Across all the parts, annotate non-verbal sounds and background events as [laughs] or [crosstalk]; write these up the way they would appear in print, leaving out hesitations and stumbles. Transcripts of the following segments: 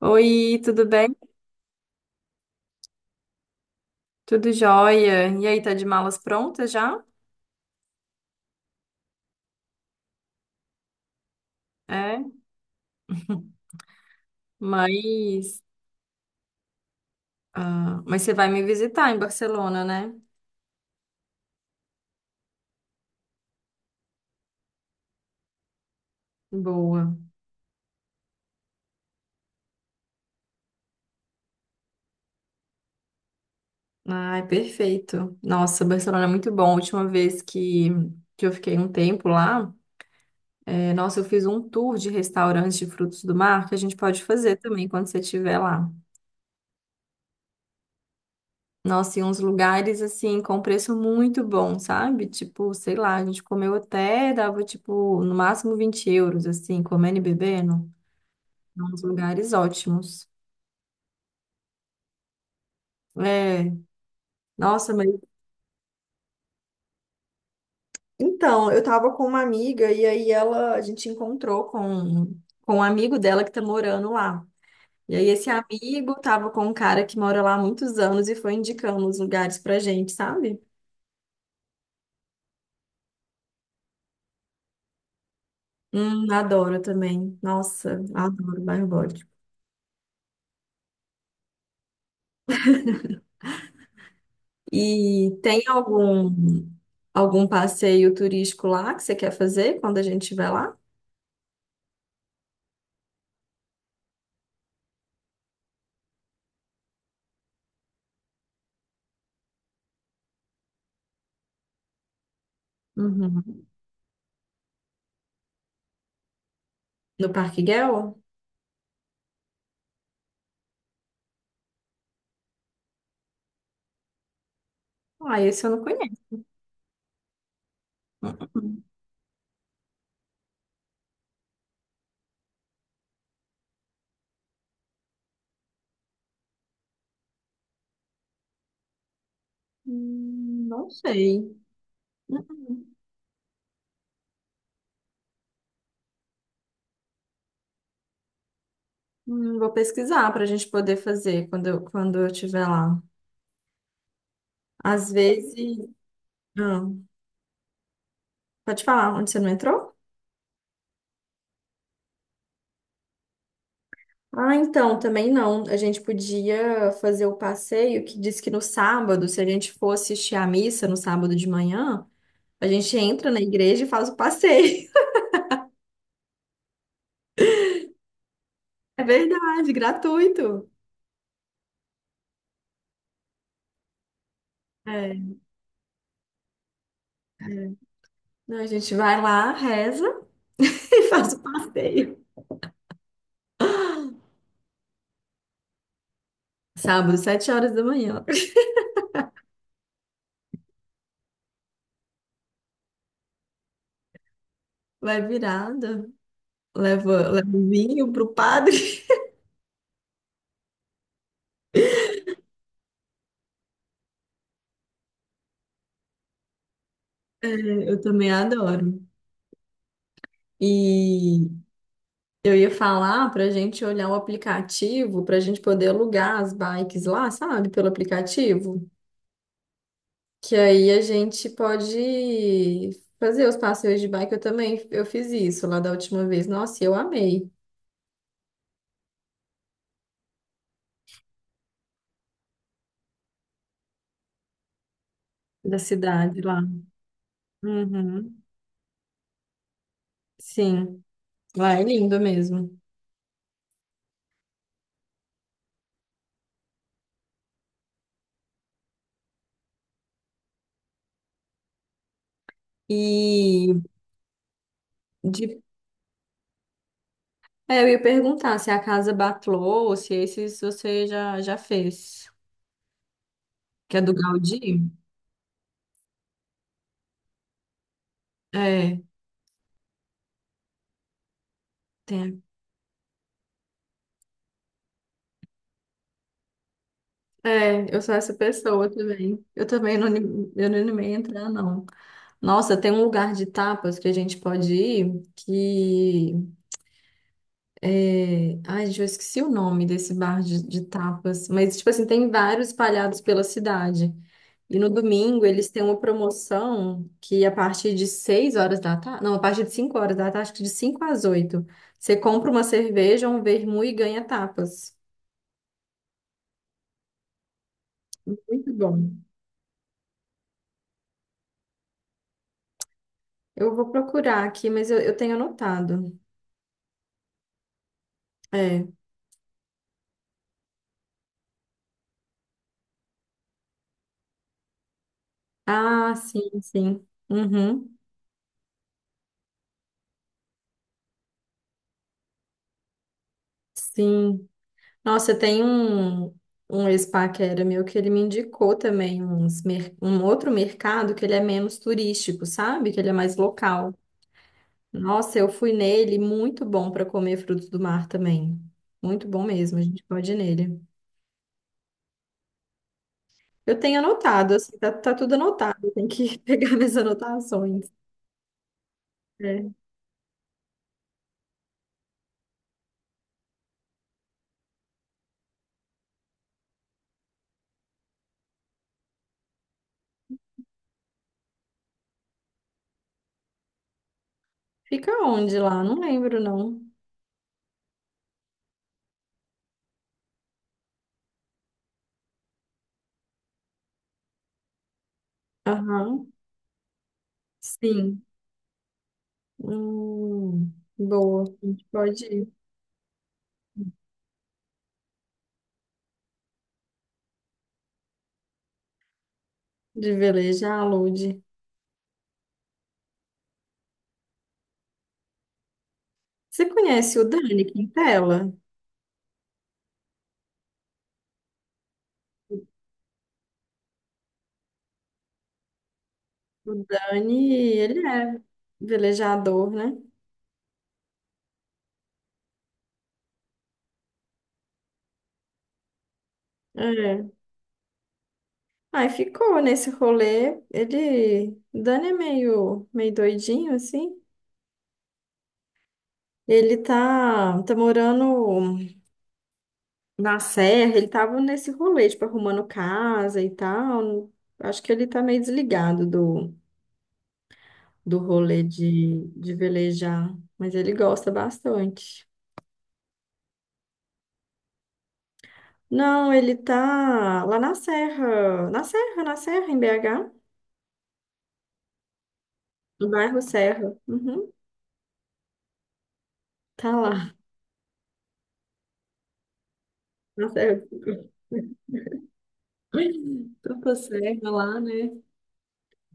Oi, tudo bem? Tudo jóia? E aí, tá de malas prontas já? É, [laughs] mas, ah, mas você vai me visitar em Barcelona, né? Boa. Ai, perfeito. Nossa, Barcelona é muito bom. A última vez que eu fiquei um tempo lá, nossa, eu fiz um tour de restaurantes de frutos do mar que a gente pode fazer também quando você estiver lá. Nossa, e uns lugares assim com preço muito bom, sabe? Tipo, sei lá, a gente comeu até, dava tipo, no máximo 20 euros, assim, comendo e bebendo. Uns lugares ótimos. É, nossa, mas. Então, eu tava com uma amiga e aí a gente encontrou com um amigo dela que tá morando lá. E aí esse amigo tava com um cara que mora lá há muitos anos e foi indicando os lugares pra gente, sabe? Adoro também. Nossa, adoro bairro. E tem algum passeio turístico lá que você quer fazer quando a gente estiver lá? Uhum. No Parque Gel? Ah, esse eu não conheço. Não sei. Hum, hum. Vou pesquisar para a gente poder fazer quando eu estiver lá. Às vezes. Ah, pode falar, onde você não entrou? Ah, então, também não. A gente podia fazer o passeio que diz que no sábado, se a gente for assistir à missa no sábado de manhã, a gente entra na igreja e faz o passeio. É verdade, gratuito. É. Não, a gente vai lá, reza [laughs] e faz o passeio. Sábado, 7 horas da manhã. Vai virada, leva o vinho pro padre. [laughs] É, eu também adoro. E eu ia falar pra gente olhar o aplicativo, pra gente poder alugar as bikes lá, sabe, pelo aplicativo. Que aí a gente pode fazer os passeios de bike. Eu também, eu fiz isso lá da última vez. Nossa, e eu amei da cidade lá. Uhum. Sim, lá é lindo mesmo. E de... eu ia perguntar se a casa Batlô ou se esses você já fez. Que é do Gaudí? É, tem. É, eu sou essa pessoa também. Eu também não, eu não animei a entrar, não. Nossa, tem um lugar de tapas que a gente pode ir que. Ai, gente, eu esqueci o nome desse bar de tapas. Mas, tipo assim, tem vários espalhados pela cidade. E no domingo eles têm uma promoção que a partir de 6 horas da tarde, não, a partir de 5 horas da tarde, acho que de 5 às 8, você compra uma cerveja, um vermute e ganha tapas. Muito bom. Eu vou procurar aqui, mas eu tenho anotado. É. Ah, sim, sim. Uhum. Sim. Nossa, tem um ex-pá que era meu que ele me indicou também um outro mercado que ele é menos turístico, sabe? Que ele é mais local. Nossa, eu fui nele, muito bom para comer frutos do mar também. Muito bom mesmo, a gente pode ir nele. Eu tenho anotado, assim, tá tudo anotado, tem que [laughs] pegar minhas anotações. É. Fica onde lá? Não lembro, não. Aham, sim. Hum, boa, a gente pode ir de velejar, Lud. Você conhece o Dani Quintela? O Dani, ele é velejador, né? É. Aí ficou nesse rolê. Ele, o Dani é meio doidinho, assim. Ele tá morando na serra, ele tava nesse rolê, tipo, arrumando casa e tal. Acho que ele tá meio desligado do rolê de velejar, mas ele gosta bastante. Não, ele tá lá na serra, na serra, na serra, em BH, no bairro Serra. Uhum, tá lá, na serra. [laughs] Tanta serra lá, né?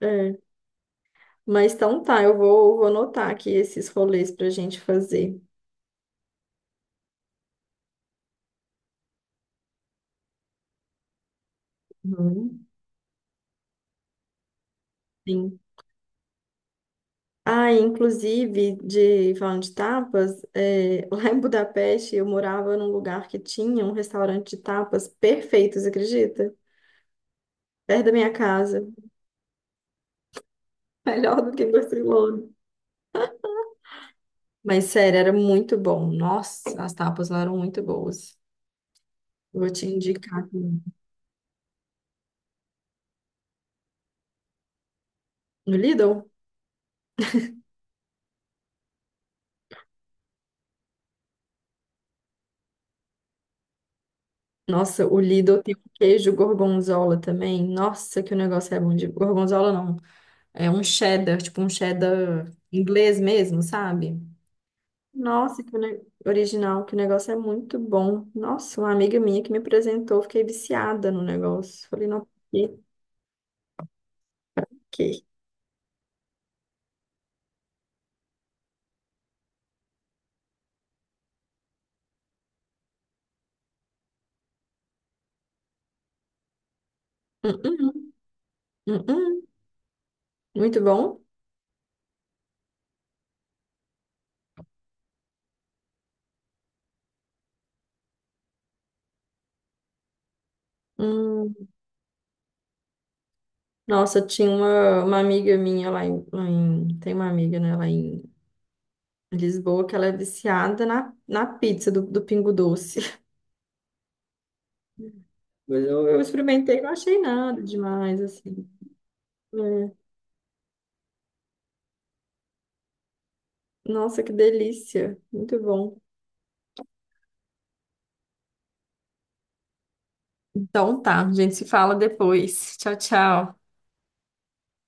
É. Mas então tá, eu vou anotar aqui esses rolês pra gente fazer. Uhum. Sim. Ah, inclusive, falando de tapas, [laughs] lá em Budapeste eu morava num lugar que tinha um restaurante de tapas perfeitos, acredita? Perto da minha casa. [laughs] Melhor do que em Barcelona. Mas sério, era muito bom. Nossa, as tapas lá eram muito boas. Vou te indicar também. No Lidl? Nossa, o Lidl tem um queijo gorgonzola também. Nossa, que o negócio é bom de gorgonzola, não. É um cheddar, tipo um cheddar inglês mesmo, sabe? Nossa, que original, que o negócio é muito bom. Nossa, uma amiga minha que me apresentou, fiquei viciada no negócio. Falei, não, que, que? Hum, hum, hum, hum. Muito bom. Hum. Nossa, tinha uma amiga minha Tem uma amiga, né, lá em Lisboa, que ela é viciada na pizza do Pingo Doce. [laughs] Mas eu experimentei, não achei nada demais, assim. É. Nossa, que delícia. Muito bom. Então tá, a gente se fala depois. Tchau, tchau.